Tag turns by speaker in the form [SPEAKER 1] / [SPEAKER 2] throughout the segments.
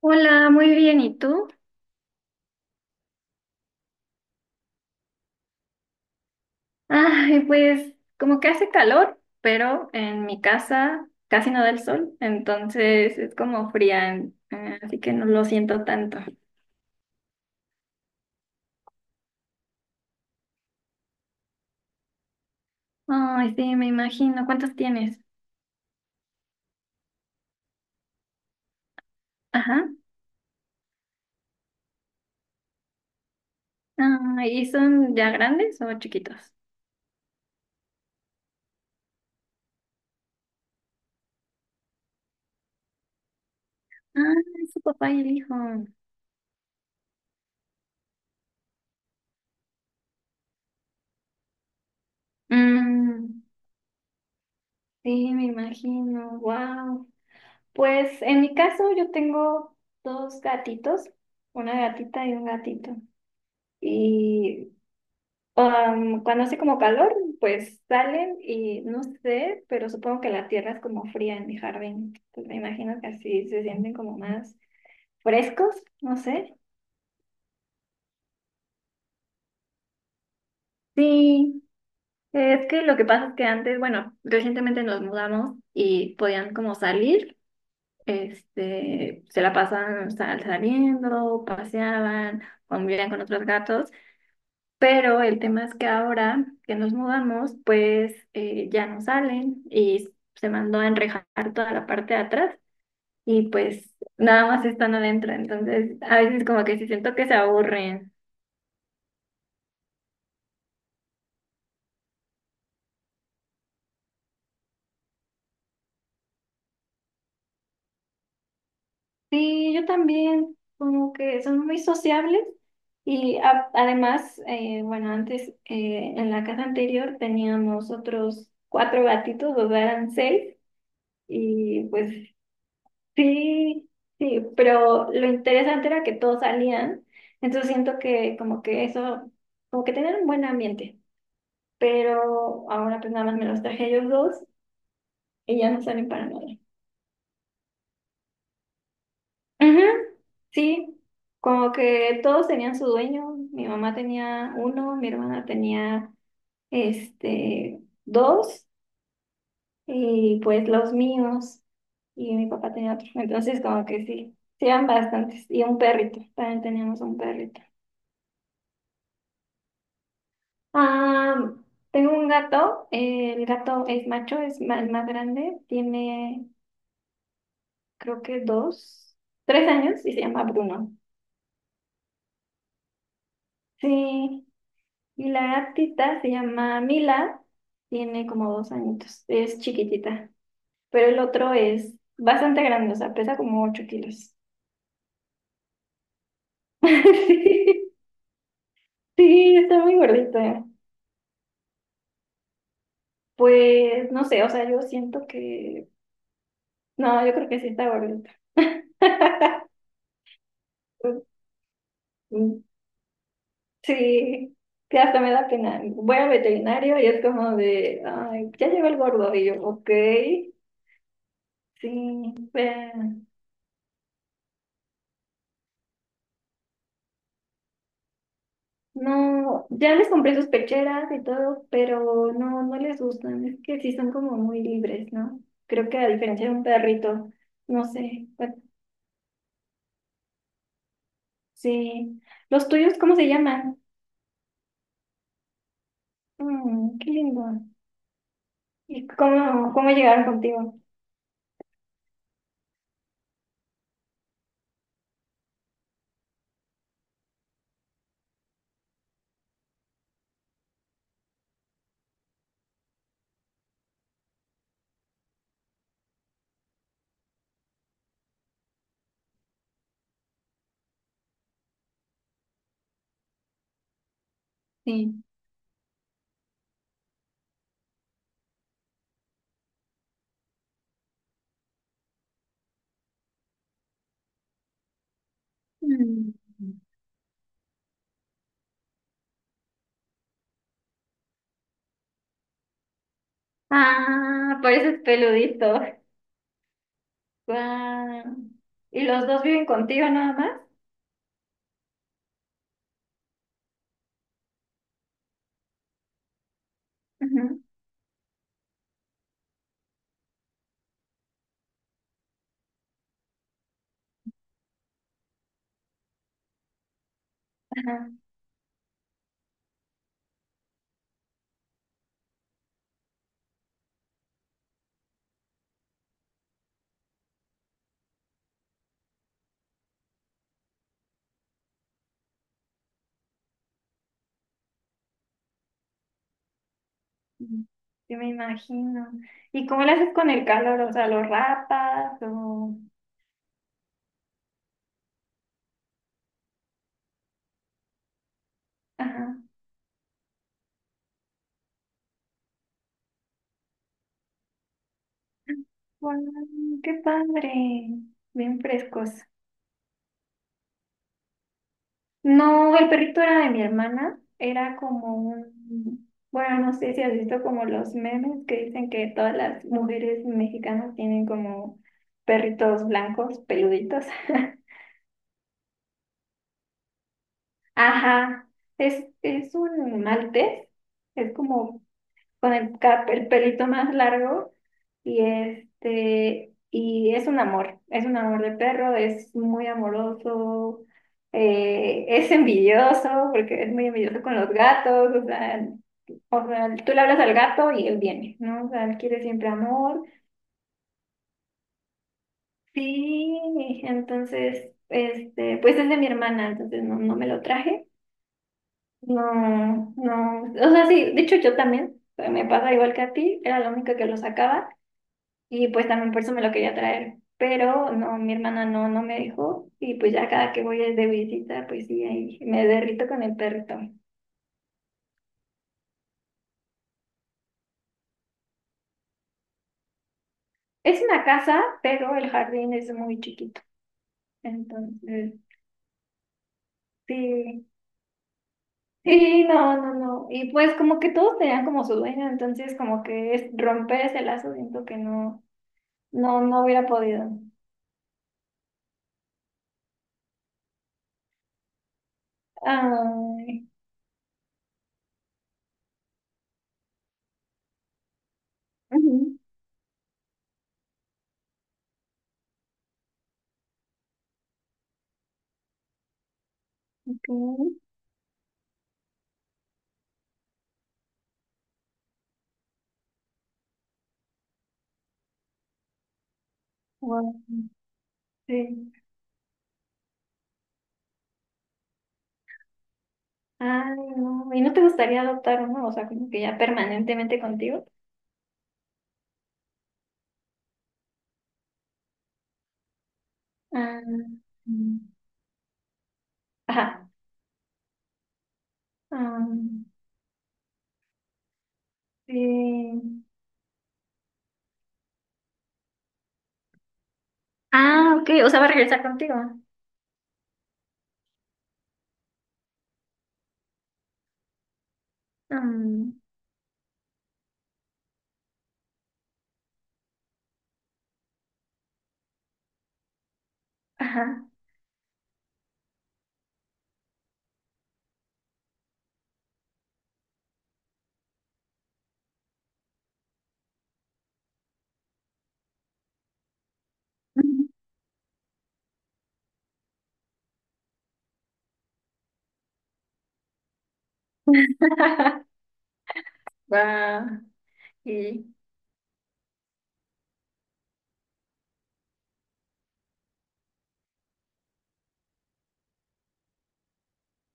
[SPEAKER 1] Hola, muy bien. ¿Y tú? Ay, pues como que hace calor, pero en mi casa casi no da el sol, entonces es como fría, así que no lo siento tanto. Ay, sí, me imagino. ¿Cuántos tienes? Ajá. Ay, ¿y son ya grandes o chiquitos? Ah, es su papá y el hijo. Mm, sí, me imagino. Wow. Pues en mi caso yo tengo dos gatitos, una gatita y un gatito. Y cuando hace como calor, pues salen y no sé, pero supongo que la tierra es como fría en mi jardín. Pues me imagino que así se sienten como más frescos, no sé. Sí, es que lo que pasa es que antes, bueno, recientemente nos mudamos y podían como salir, este, se la pasaban saliendo, paseaban, convivían con otros gatos. Pero el tema es que ahora que nos mudamos, pues ya no salen y se mandó a enrejar toda la parte de atrás y pues nada más están adentro. Entonces, a veces como que sí siento que se aburren. Sí, yo también, como que son muy sociables y además, bueno, antes en la casa anterior teníamos otros cuatro gatitos, o sea, eran seis. Y pues sí, sí, pero lo interesante era que todos salían, entonces siento que como que eso, como que tenían un buen ambiente, pero ahora pues nada más me los traje ellos dos y ya no salen para nada. Ujú, sí, como que todos tenían su dueño, mi mamá tenía uno, mi hermana tenía este dos y pues los míos y mi papá tenía otro, entonces como que sí, sí eran bastantes y un perrito, también teníamos un perrito. Ah, tengo un gato, el gato es macho, el más grande, tiene creo que dos, tres años y se llama Bruno. Sí, y la gatita se llama Mila, tiene como dos añitos, es chiquitita, pero el otro es bastante grande, o sea, pesa como ocho kilos. Sí, sí, está muy gordita. Pues no sé, o sea, yo siento que, no, yo creo que sí está gordita. Sí, que hasta me da pena. Voy al veterinario y es como de, ay, ya llegó el gordo. Y yo, ok, sí, pero no, ya les compré sus pecheras y todo, pero no, no les gustan. Es que sí son como muy libres, ¿no? Creo que a diferencia de un perrito, no sé, bueno, sí. ¿Los tuyos cómo se llaman? Mm, qué lindo. ¿Y cómo llegaron contigo? Sí. Mm. Ah, por eso es peludito. Guau. ¿Y los dos viven contigo nada más? Ujú. Ajá. Mm. Sí, me imagino. ¿Y cómo le haces con el calor? O sea, ¿los rapas o...? Ajá. Guau, ¡qué padre! Bien frescos. No, el perrito era de mi hermana. Era como un... Bueno, no sé si has visto como los memes que dicen que todas las mujeres mexicanas tienen como perritos blancos, peluditos. Ajá, es un maltés, es como con el, el pelito más largo y este, y es un amor de perro, es muy amoroso, es envidioso, porque es muy envidioso con los gatos, o sea, tú le hablas al gato y él viene, ¿no? O sea, él quiere siempre amor. Sí, entonces, este, pues es de mi hermana, entonces no, no me lo traje. No, no, o sea, sí, de hecho yo también, me pasa igual que a ti, era la única que lo sacaba y pues también por eso me lo quería traer, pero no, mi hermana no, no me dejó y pues ya cada que voy de visita, pues sí, ahí me derrito con el perrito. Es una casa, pero el jardín es muy chiquito, entonces, sí, sí, no, no, no, y pues como que todos tenían como su dueño, entonces como que es romper ese lazo, siento que no, no, no hubiera podido. Ay. Ujú. Ok, guau, sí. Ay, no. ¿Y no te gustaría adoptar uno? O sea, como que ya permanentemente contigo. Ah, mm, ajá. Ah, sí. Ah, ok. O sea, va a regresar contigo. Mm, ajá. Guau, sí,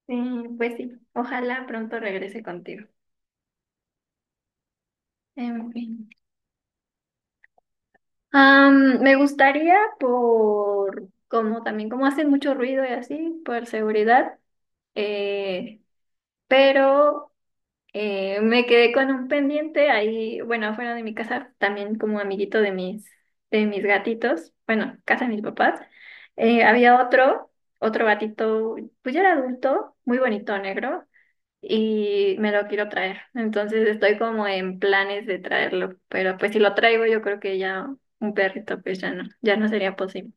[SPEAKER 1] sí, pues sí. Ojalá pronto regrese contigo. En fin. Am, me gustaría por, como también, como hacen mucho ruido y así, por seguridad, eh, pero me quedé con un pendiente ahí, bueno, afuera de mi casa, también como amiguito de mis gatitos, bueno, casa de mis papás. Había otro, otro gatito, pues ya era adulto, muy bonito, negro, y me lo quiero traer. Entonces estoy como en planes de traerlo, pero pues si lo traigo yo creo que ya un perrito pues ya no, ya no sería posible.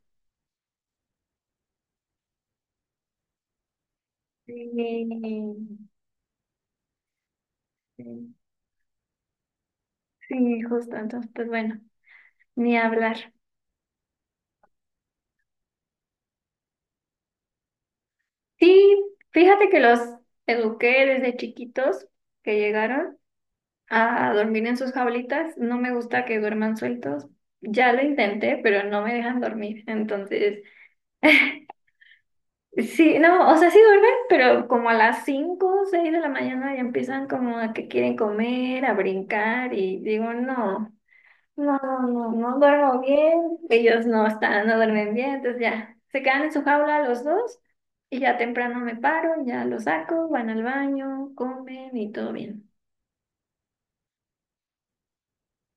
[SPEAKER 1] Sí, sí, sí, justo, entonces pues bueno, ni hablar. Sí, fíjate que los eduqué desde chiquitos que llegaron a dormir en sus jaulitas. No me gusta que duerman sueltos. Ya lo intenté, pero no me dejan dormir. Entonces, sí, no, o sea, sí duermen, pero como a las 5, o 6 de la mañana ya empiezan como a que quieren comer, a brincar y digo, no. No, no, no, no duermo bien, ellos no están, no duermen bien, entonces ya se quedan en su jaula los dos y ya temprano me paro, ya los saco, van al baño, comen y todo bien.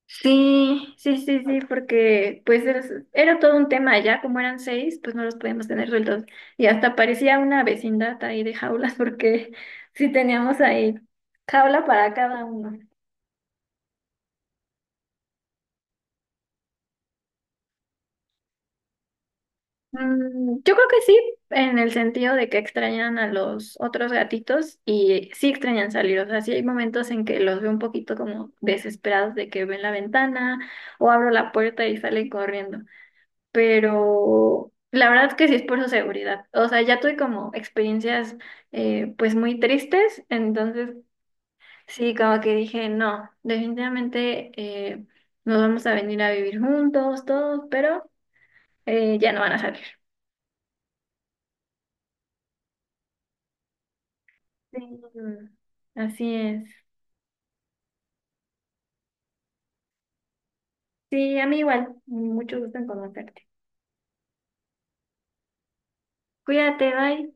[SPEAKER 1] Sí, sí, sí, sí, porque pues era todo un tema ya, como eran seis, pues no los podíamos tener sueltos y hasta parecía una vecindad ahí de jaulas porque sí teníamos ahí jaula para cada uno. Mm, yo creo que sí, en el sentido de que extrañan a los otros gatitos y sí extrañan salir. O sea, sí hay momentos en que los veo un poquito como desesperados de que ven la ventana o abro la puerta y salen corriendo. Pero la verdad es que sí es por su seguridad. O sea, ya tuve como experiencias pues muy tristes, entonces sí, como que dije, no, definitivamente nos vamos a venir a vivir juntos todos, pero ya no van a salir. Sí, así es. Sí, a mí igual. Mucho gusto en conocerte. Cuídate, bye.